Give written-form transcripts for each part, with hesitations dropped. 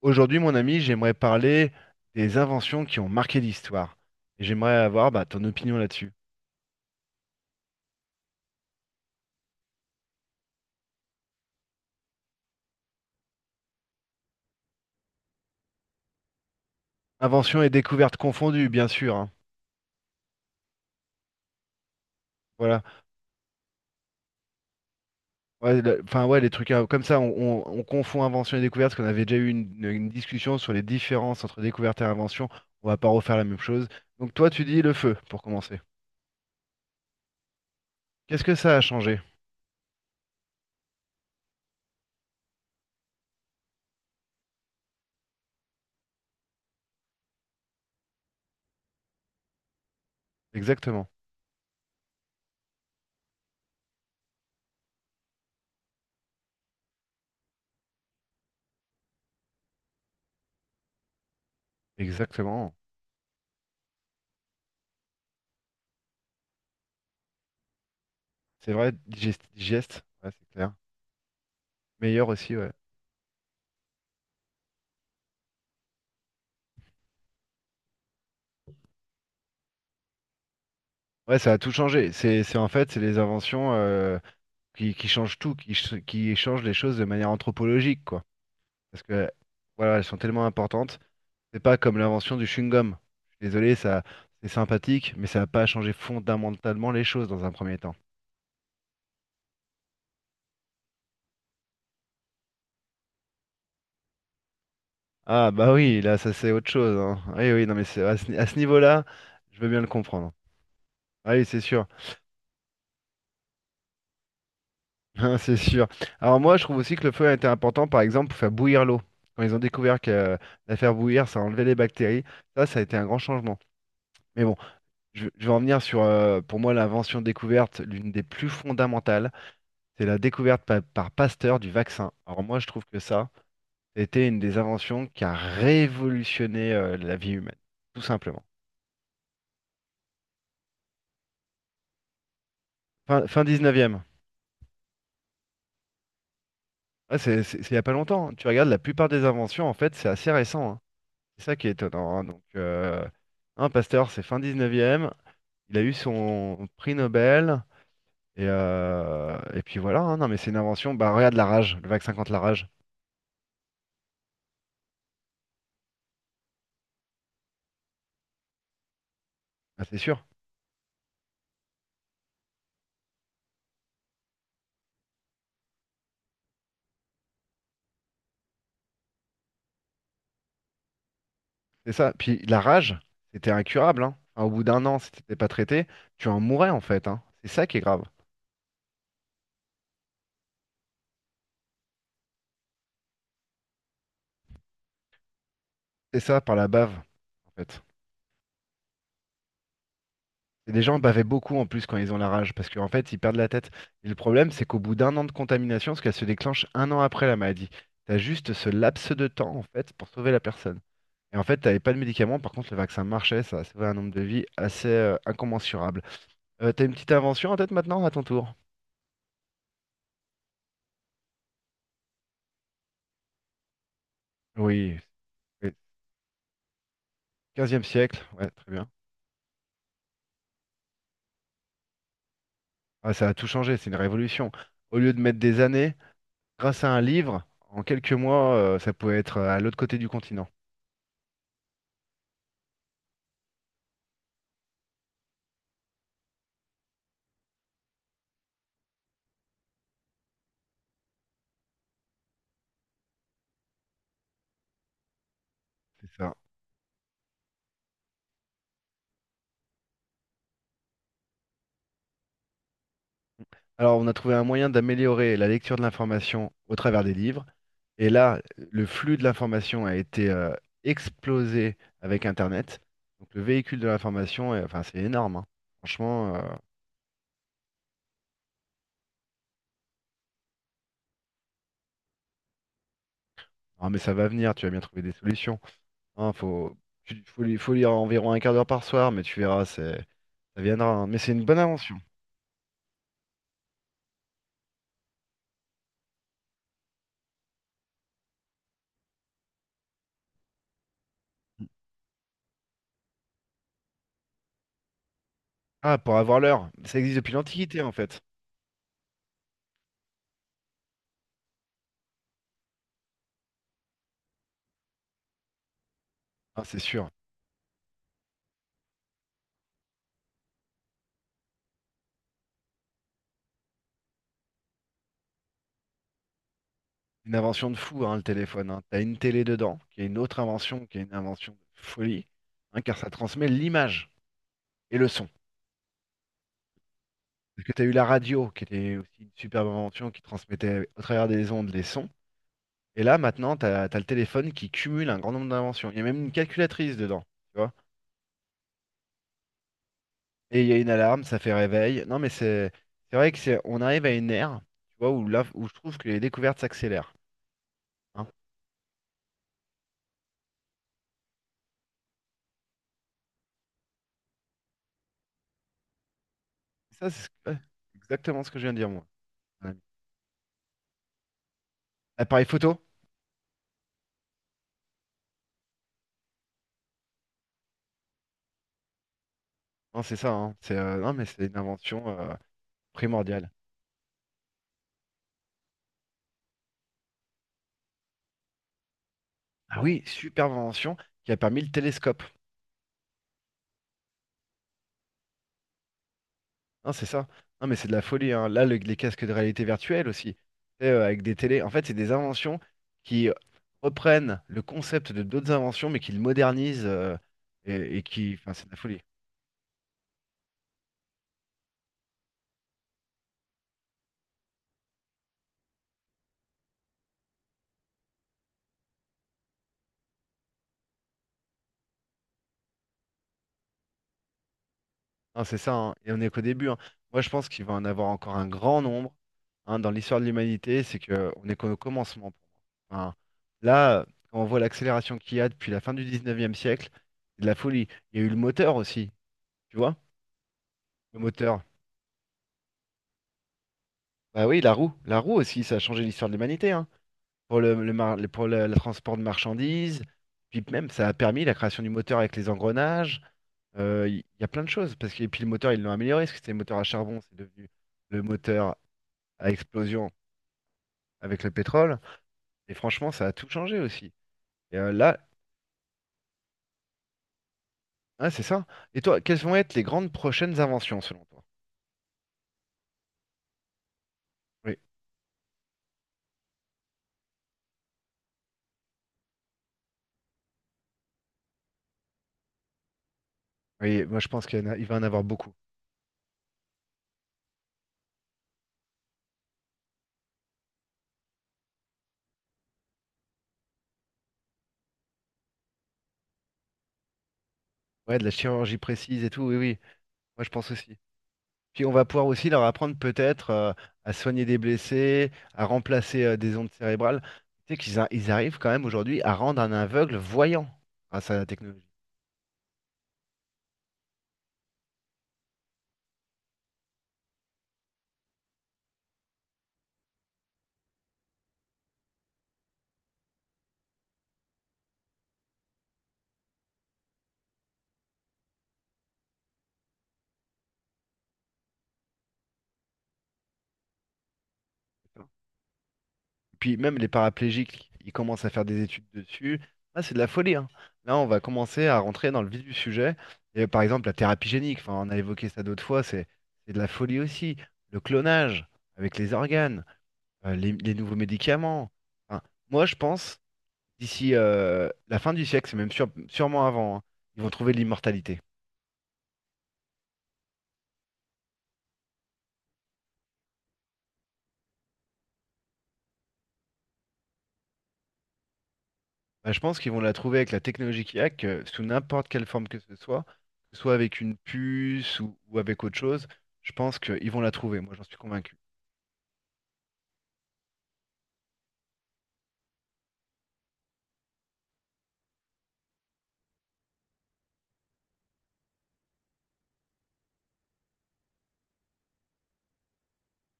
Aujourd'hui, mon ami, j'aimerais parler des inventions qui ont marqué l'histoire. Et j'aimerais avoir bah, ton opinion là-dessus. Inventions et découvertes confondues, bien sûr, hein. Voilà. Ouais, enfin, ouais, les trucs comme ça, on confond invention et découverte, parce qu'on avait déjà eu une discussion sur les différences entre découverte et invention. On va pas refaire la même chose. Donc, toi, tu dis le feu, pour commencer. Qu'est-ce que ça a changé? Exactement. Exactement. C'est vrai, digeste. Ouais, c'est clair. Meilleur aussi, ouais. Ouais, ça a tout changé. C'est en fait, c'est les inventions, qui changent tout, qui changent les choses de manière anthropologique, quoi. Parce que, voilà, elles sont tellement importantes. C'est pas comme l'invention du chewing-gum. Je suis désolé, ça, c'est sympathique, mais ça n'a pas changé fondamentalement les choses dans un premier temps. Ah, bah oui, là, ça, c'est autre chose, hein. Ah oui, oui, non, mais à ce niveau-là, je veux bien le comprendre. Ah oui, c'est sûr. Hein, c'est sûr. Alors moi, je trouve aussi que le feu a été important, par exemple, pour faire bouillir l'eau. Quand ils ont découvert que la faire bouillir, ça enlevait les bactéries, ça a été un grand changement. Mais bon, je vais en venir sur, pour moi, l'invention découverte, l'une des plus fondamentales, c'est la découverte par Pasteur du vaccin. Alors moi, je trouve que ça, c'était une des inventions qui a révolutionné la vie humaine, tout simplement. Fin 19e. Ouais, c'est il n'y a pas longtemps, hein. Tu regardes, la plupart des inventions, en fait, c'est assez récent, hein. C'est ça qui est étonnant, hein. Donc, hein, Pasteur, c'est fin 19e. Il a eu son prix Nobel. Et puis voilà, hein. Non, mais c'est une invention. Bah, regarde la rage, le vaccin contre la rage. Ah, c'est sûr. C'est ça. Puis la rage, c'était incurable, hein. Enfin, au bout d'un an, si t'étais pas traité, tu en mourais en fait, hein. C'est ça qui est grave. C'est ça par la bave, en fait. Et les gens bavaient beaucoup en plus quand ils ont la rage, parce qu'en fait, ils perdent la tête. Et le problème, c'est qu'au bout d'un an de contamination, parce qu'elle se déclenche un an après la maladie, t'as juste ce laps de temps, en fait, pour sauver la personne. Et en fait, t'avais pas de médicaments, par contre, le vaccin marchait, ça a sauvé un nombre de vies assez incommensurable. T'as une petite invention en tête maintenant, à ton tour? Oui, oui. 15e siècle, ouais, très bien. Ah, ça a tout changé, c'est une révolution. Au lieu de mettre des années, grâce à un livre, en quelques mois, ça pouvait être à l'autre côté du continent. C'est ça. Alors, on a trouvé un moyen d'améliorer la lecture de l'information au travers des livres. Et là, le flux de l'information a été explosé avec Internet. Donc, le véhicule de l'information, enfin, c'est énorme, hein. Franchement, ah, mais ça va venir, tu vas bien trouver des solutions. Hein, faut, tu- faut, li- faut lire environ un quart d'heure par soir, mais tu verras, ça viendra, hein. Mais c'est une bonne invention. Ah, pour avoir l'heure. Ça existe depuis l'Antiquité, en fait. Ah, c'est sûr. Une invention de fou, hein, le téléphone, hein. T'as une télé dedans, qui est une autre invention, qui est une invention de folie, hein, car ça transmet l'image et le son. Parce que t'as eu la radio, qui était aussi une superbe invention, qui transmettait au travers des ondes les sons. Et là, maintenant, t'as le téléphone qui cumule un grand nombre d'inventions. Il y a même une calculatrice dedans, tu vois. Et il y a une alarme, ça fait réveil. Non, mais c'est vrai que c'est on arrive à une ère, tu vois, où là, où je trouve que les découvertes s'accélèrent, hein. Ça, c'est ouais, exactement ce que je viens de dire, moi. Ouais. Appareil photo? Non, c'est ça, hein. C'est, non, mais c'est une invention primordiale. Ah oui, superbe invention qui a permis le télescope. Non, c'est ça. Non, mais c'est de la folie, hein. Là, les casques de réalité virtuelle aussi. Et avec des télés. En fait, c'est des inventions qui reprennent le concept de d'autres inventions, mais qui le modernisent et qui, enfin, c'est de la folie. Non, c'est ça, hein. Et on n'est qu'au début, hein. Moi, je pense qu'il va en avoir encore un grand nombre, hein, dans l'histoire de l'humanité. C'est que on est qu'au commencement pour moi. Enfin, là, quand on voit l'accélération qu'il y a depuis la fin du 19e siècle, c'est de la folie. Il y a eu le moteur aussi, tu vois? Le moteur. Bah oui, la roue. La roue aussi, ça a changé l'histoire de l'humanité, hein. Pour le transport de marchandises. Puis même, ça a permis la création du moteur avec les engrenages. Il y a plein de choses. Parce que, et puis le moteur, ils l'ont amélioré. Parce que c'était le moteur à charbon, c'est devenu le moteur à explosion avec le pétrole. Et franchement, ça a tout changé aussi. Et là, ah, c'est ça. Et toi, quelles vont être les grandes prochaines inventions selon toi? Oui, oui, moi je pense qu'il y en a- il va en avoir beaucoup. Ouais, de la chirurgie précise et tout, oui, oui, moi je pense aussi. Puis on va pouvoir aussi leur apprendre peut-être à soigner des blessés, à remplacer des ondes cérébrales. Tu sais qu'ils a- ils arrivent quand même aujourd'hui à rendre un aveugle voyant grâce à la technologie. Puis même les paraplégiques, ils commencent à faire des études dessus. Là, c'est de la folie, hein. Là, on va commencer à rentrer dans le vif du sujet. Et par exemple, la thérapie génique, enfin, on a évoqué ça d'autres fois, c'est de la folie aussi. Le clonage avec les organes, les nouveaux médicaments. Enfin, moi, je pense, d'ici la fin du siècle, c'est même sûrement avant, hein, ils vont trouver l'immortalité. Bah, je pense qu'ils vont la trouver avec la technologie qu'il y a, que sous n'importe quelle forme que ce soit avec une puce ou avec autre chose, je pense qu'ils vont la trouver, moi j'en suis convaincu.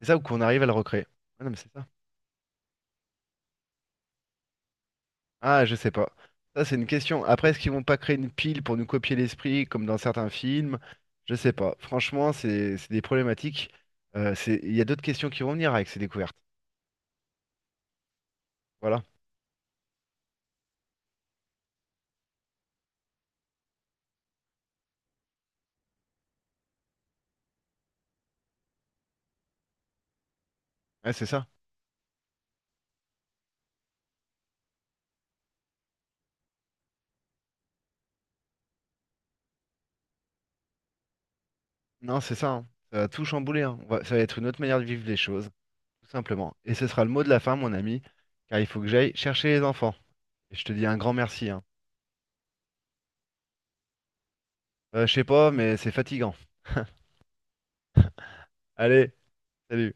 C'est ça ou qu'on arrive à le recréer? Ah non, mais c'est ça. Ah, je sais pas. Ça, c'est une question. Après, est-ce qu'ils vont pas créer une pile pour nous copier l'esprit comme dans certains films? Je sais pas. Franchement, c'est des problématiques. Il y a d'autres questions qui vont venir avec ces découvertes. Voilà. Ouais, c'est ça. Non, c'est ça, hein. Ça va tout chambouler, hein. Ça va être une autre manière de vivre les choses. Tout simplement. Et ce sera le mot de la fin, mon ami, car il faut que j'aille chercher les enfants. Et je te dis un grand merci, hein. Je sais pas, mais c'est fatigant. Allez, salut.